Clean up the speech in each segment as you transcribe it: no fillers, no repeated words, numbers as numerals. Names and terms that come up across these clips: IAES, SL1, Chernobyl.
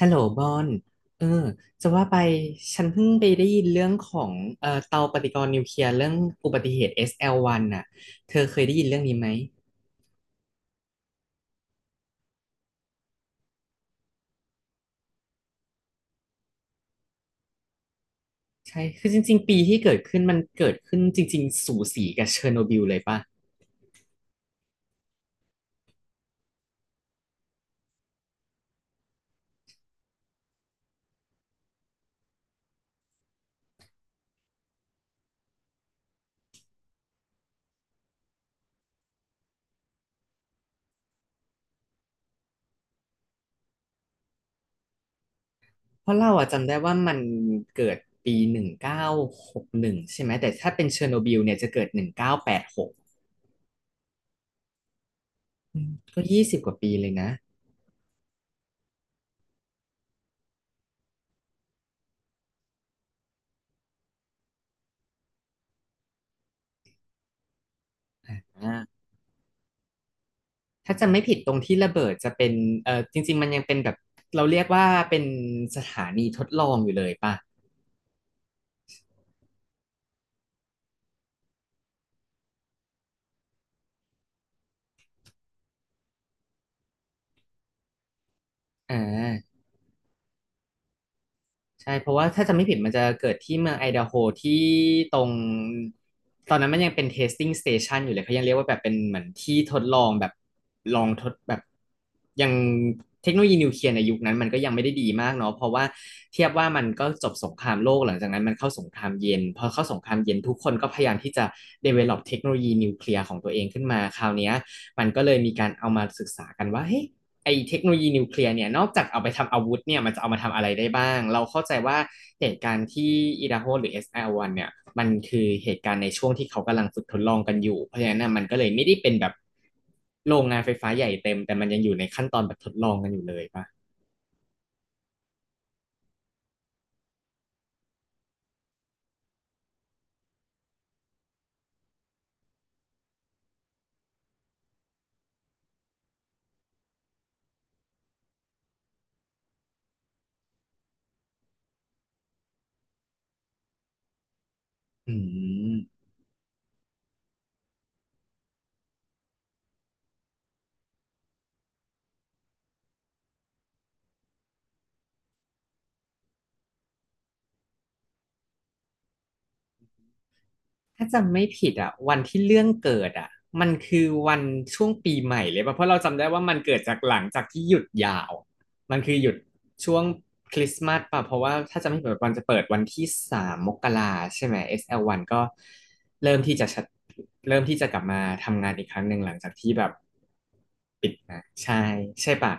ฮัลโหลบอนเออ จะว่าไปฉันเพิ่งไปได้ยินเรื่องของเตาปฏิกรณ์นิวเคลียร์เรื่องอุบัติเหตุ SL1 นน่ะเธอเคยได้ยินเรื่องนี้ไหมใช่คือจริงๆปีที่เกิดขึ้นมันเกิดขึ้นจริงๆสูสีกับเชอร์โนบิลเลยป่ะเพราะเราอะจำได้ว่ามันเกิดปี1961ใช่ไหมแต่ถ้าเป็นเชอร์โนบิลเนี่ยจะเกิด1986ก็ยี่สิบกว่าปีเลยนะอ่า ถ้าจะไม่ผิดตรงที่ระเบิดจะเป็นเออจริงๆ มันยังเป็นแบบเราเรียกว่าเป็นสถานีทดลองอยู่เลยป่ะอ่า ใช่เพราะว่าถ้าจำไม่ผิดมันจะเกิดที่เมืองไอดาโฮที่ตรงตอนนั้นมันยังเป็น testing station อยู่เลยเขายังเรียกว่าแบบเป็นเหมือนที่ทดลองแบบลองทดแบบยังเทคโนโลยีนิวเคลียร์ในยุคนั้นมันก็ยังไม่ได้ดีมากเนาะเพราะว่าเทียบว่ามันก็จบสงครามโลกหลังจากนั้นมันเข้าสงครามเย็นพอเข้าสงครามเย็นทุกคนก็พยายามที่จะ develop เทคโนโลยีนิวเคลียร์ของตัวเองขึ้นมาคราวเนี้ยมันก็เลยมีการเอามาศึกษากันว่าเฮ้ย ไอเทคโนโลยีนิวเคลียร์เนี่ยนอกจากเอาไปทำอาวุธเนี่ยมันจะเอามาทำอะไรได้บ้างเราเข้าใจว่าเหตุการณ์ที่อิดาโฮหรือ SR1 เนี่ยมันคือเหตุการณ์ในช่วงที่เขากำลังฝึกทดลองกันอยู่เพราะฉะนั้น่ะมันก็เลยไม่ได้เป็นแบบโรงงานไฟฟ้าใหญ่เต็มแต่มันยังอยู่ในขั้นตอนแบบทดลองกันอยู่เลยปะอืม ถ้าจำไม่ผิดอ่ะวันที่เรื่องเกิดอ่ะมันคือวันช่วงปีใหม่เลยป่ะเพราะเราจำได้ว่ามันเกิดจากหลังจากที่หยุดยาวมันคือหยุดช่วงคริสต์มาสป่ะเพราะว่าถ้าจำไม่ผิดมันจะเปิดวันที่สามมกราใช่ไหม s ันก็เริ่มที่จะชัดเริ่มที่จะกลับมาทำงานอีกครั้งหนึ่งหลังจากที่แบบปิดนะใช่ใช่ป่ะ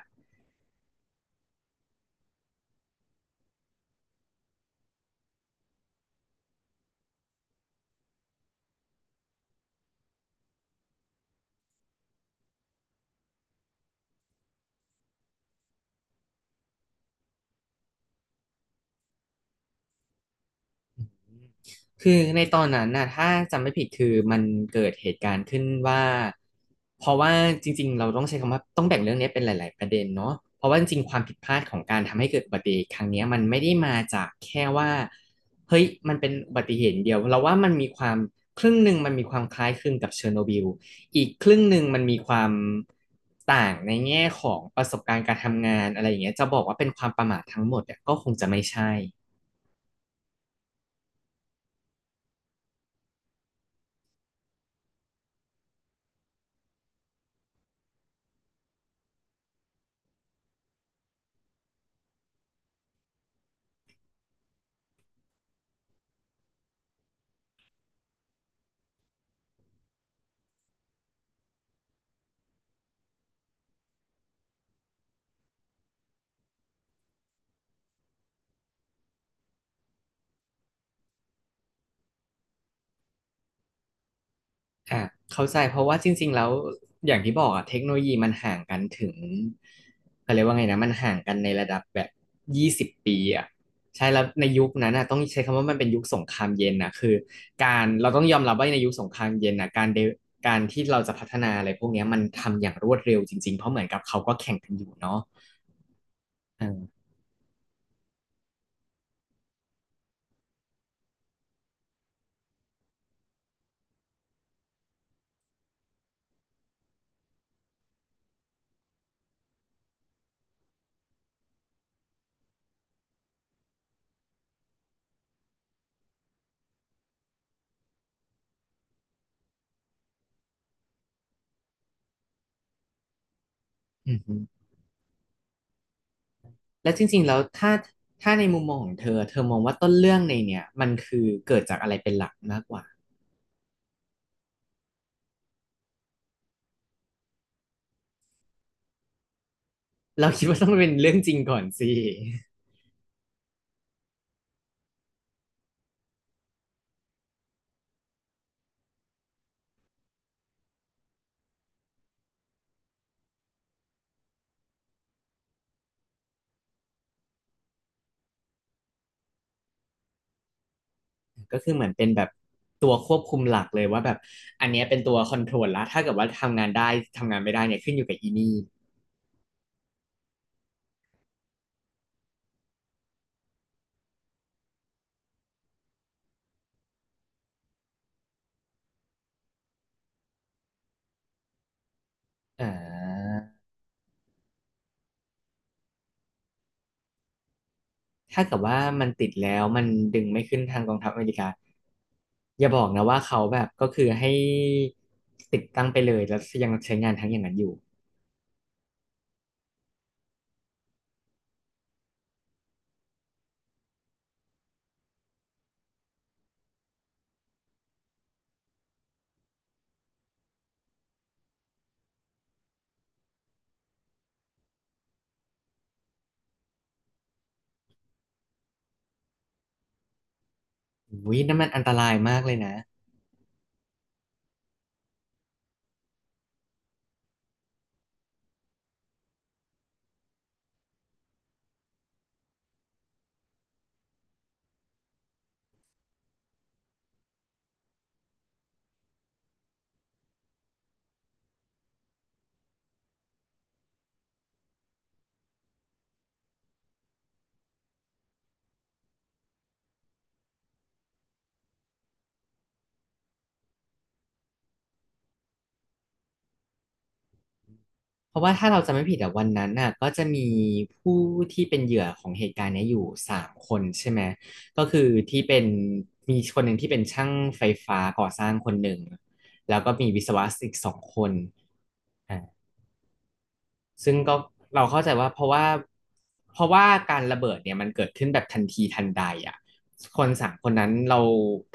คือในตอนนั้นน่ะถ้าจำไม่ผิดคือมันเกิดเหตุการณ์ขึ้นว่าเพราะว่าจริงๆเราต้องใช้คำว่าต้องแบ่งเรื่องนี้เป็นหลายๆประเด็นเนาะเพราะว่าจริงๆความผิดพลาดของการทำให้เกิดอุบัติเหตุครั้งเนี้ยมันไม่ได้มาจากแค่ว่าเฮ้ยมันเป็นอุบัติเหตุเดียวเราว่ามันมีความครึ่งหนึ่งมันมีความคล้ายคลึงกับเชอร์โนบิลอีกครึ่งหนึ่งมันมีความต่างในแง่ของประสบการณ์การทำงานอะไรอย่างเงี้ยจะบอกว่าเป็นความประมาททั้งหมดเนี่ยก็คงจะไม่ใช่ อ่ะเข้าใจเพราะว่าจริงๆแล้วอย่างที่บอกอะเทคโนโลยีมันห่างกันถึงเขาเรียกว่าไงนะมันห่างกันในระดับแบบยี่สิบปีอะใช่แล้วในยุคนั้นอะต้องใช้คำว่ามันเป็นยุคสงครามเย็นนะคือการเราต้องยอมรับว่าในยุคสงครามเย็นนะการที่เราจะพัฒนาอะไรพวกเนี้ยมันทำอย่างรวดเร็วจริงๆเพราะเหมือนกับเขาก็แข่งกันอยู่เนาะอาอือฮึแล้วจริงๆแล้วถ้าในมุมมองของเธอมองว่าต้นเรื่องในเนี่ยมันคือเกิดจากอะไรเป็นหลักมากกว่า เราคิดว่าต้องเป็นเรื่องจริงก่อนสิ ก็คือเหมือนเป็นแบบตัวควบคุมหลักเลยว่าแบบอันเนี้ยเป็นตัวคอนโทรลละถ้าเกิดว่าทำงานได้ทำงานไม่ได้เนี่ยขึ้นอยู่กับอีนี่อ่าถ้าเกิดว่ามันติดแล้วมันดึงไม่ขึ้นทางกองทัพอเมริกาอย่าบอกนะว่าเขาแบบก็คือให้ติดตั้งไปเลยแล้วยังใช้งานทั้งอย่างนั้นอยู่อุ้ยนั่นมันอันตรายมากเลยนะ เพราะว่าถ้าเราจำไม่ผิดอะวันนั้นน่ะก็จะมีผู้ที่เป็นเหยื่อของเหตุการณ์เนี้ยอยู่สามคนใช่ไหมก็คือที่เป็นมีคนหนึ่งที่เป็นช่างไฟฟ้าก่อสร้างคนหนึ่งแล้วก็มีวิศวะอีก2คนอ่าซึ่งก็เราเข้าใจว่าเพราะว่าการระเบิดเนี่ยมันเกิดขึ้นแบบทันทีทันใดอ่ะคนสามคนนั้นเรา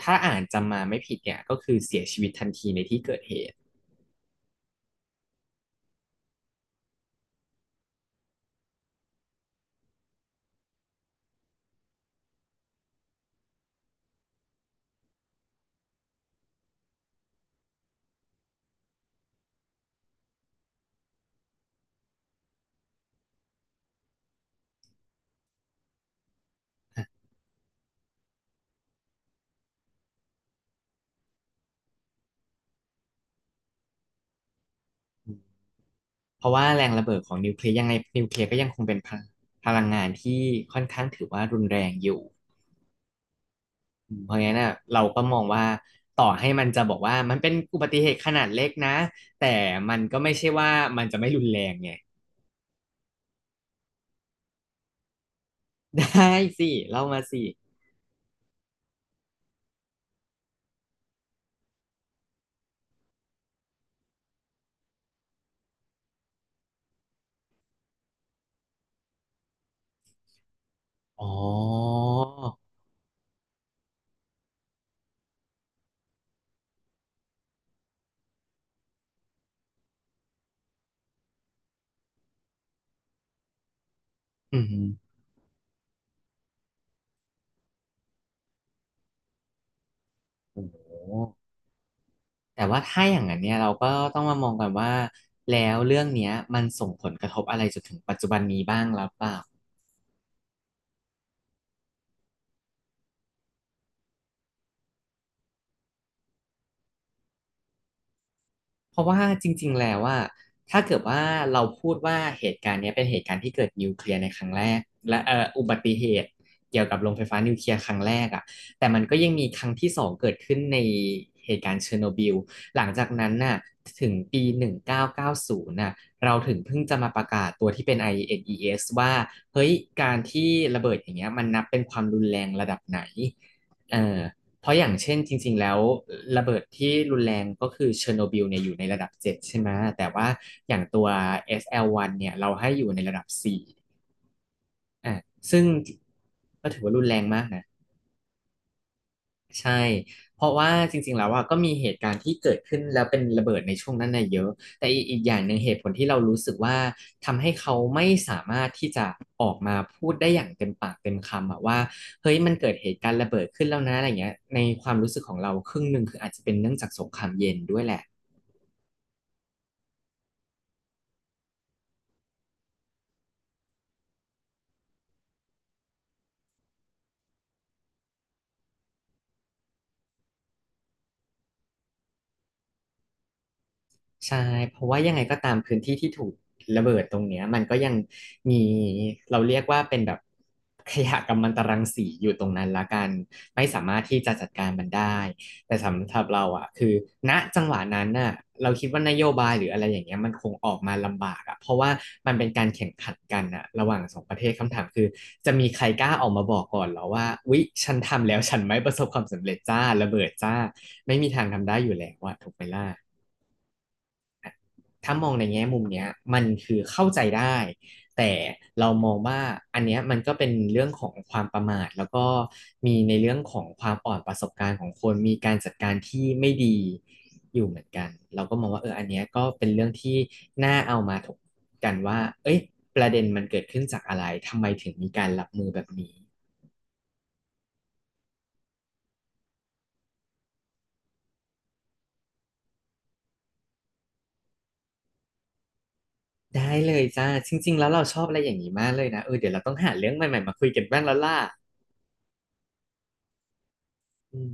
ถ้าอ่านจำมาไม่ผิดเนี่ยก็คือเสียชีวิตทันทีในที่เกิดเหตุ เพราะว่าแรงระเบิดของนิวเคลียร์ยังไงนิวเคลียร์ก็ยังคงเป็นพลังพลังงานที่ค่อนข้างถือว่ารุนแรงอยู่เพราะงั้นน่ะเราก็มองว่าต่อให้มันจะบอกว่ามันเป็นอุบัติเหตุขนาดเล็กนะแต่มันก็ไม่ใช่ว่ามันจะไม่รุนแรงไง ได้สิเล่ามาสิอ๋ออืมโอ้โหแต่ว่าถ้าอย่างนั้นเนี่ยเราก็ต้องมามองกันว่าแล้วเรื่องเนี้ยมันส่งผลกระทบอะไรจนถึงปัจจุบันนี้บ้างหรือเปล่า เพราะว่าจริงๆแล้วว่าถ้าเกิดว่าเราพูดว่าเหตุการณ์เนี้ยเป็นเหตุการณ์ที่เกิดนิวเคลียร์ในครั้งแรกและอุบัติเหตุเกี่ยวกับโรงไฟฟ้านิวเคลียร์ครั้งแรกอ่ะแต่มันก็ยังมีครั้งที่สองเกิดขึ้นในเหตุการณ์เชอร์โนบิลหลังจากนั้นน่ะถึงปี1990น่งพันเก้าร้อยเก้าสิบน่ะเราถึงเพิ่งจะมาประกาศตัวที่เป็น IAES ว่าเฮ้ยการที่ระเบิดอย่างเงี้ยมันนับเป็นความรุนแรงระดับไหนเออ เพราะอย่างเช่นจริงๆแล้วระเบิดที่รุนแรงก็คือเชอร์โนบิลเนี่ยอยู่ในระดับเจ็ดใช่ไหมแต่ว่าอย่างตัว SL1 เนี่ยเราให้อยู่ในระดับ4อ่ะซึ่งก็ถือว่ารุนแรงมากนะ ใช่ เพราะว่าจริงๆแล้วว่าก็มีเหตุการณ์ที่เกิดขึ้นแล้วเป็นระเบิดในช่วงนั้นน่ะเยอะ แต่อีกอย่างหนึ่งเหตุผลที่เรารู้สึกว่าทำให้เขาไม่สามารถที่จะออกมาพูดได้อย่างเต็มปากเต็มคำอะว่าเฮ้ยมันเกิดเหตุการณ์ระเบิดขึ้นแล้วนะอะไรเงี้ยในความรู้สึกของเราครึ่งหนึ่งคืออาจจะเป็นเนื่องจากสงครามเย็นด้วยแหละ ใช่เพราะว่ายังไงก็ตามพื้นที่ที่ถูกระเบิดตรงเนี้ยมันก็ยังมีเราเรียกว่าเป็นแบบขยะกัมมันตรังสีอยู่ตรงนั้นละกันไม่สามารถที่จะจัดการมันได้แต่สำหรับเราอ่ะคือณจังหวะนั้นน่ะเราคิดว่านโยบายหรืออะไรอย่างเงี้ยมันคงออกมาลำบากอ่ะเพราะว่ามันเป็นการแข่งขันกันอ่ะระหว่างสองประเทศคำถามคือจะมีใครกล้าออกมาบอกก่อนเหรอว่าวิฉันทำแล้วฉันไม่ประสบความสำเร็จจ้าระเบิดจ้าไม่มีทางทำได้อยู่แล้วอ่ะถูกไหมล่ะ ถ้ามองในแง่มุมเนี้ยมันคือเข้าใจได้แต่เรามองว่าอันเนี้ยมันก็เป็นเรื่องของความประมาทแล้วก็มีในเรื่องของความอ่อนประสบการณ์ของคนมีการจัดการที่ไม่ดีอยู่เหมือนกันเราก็มองว่าเอออันเนี้ยก็เป็นเรื่องที่น่าเอามาถกกันว่าเอ้ยประเด็นมันเกิดขึ้นจากอะไรทำไมถึงมีการรับมือแบบนี้ได้เลยจ้าจริงๆแล้วเราชอบอะไรอย่างนี้มากเลยนะเออเดี๋ยวเราต้องหาเรื่องใหม่ๆมาคุยกันบ้างแล้วล่ะอืม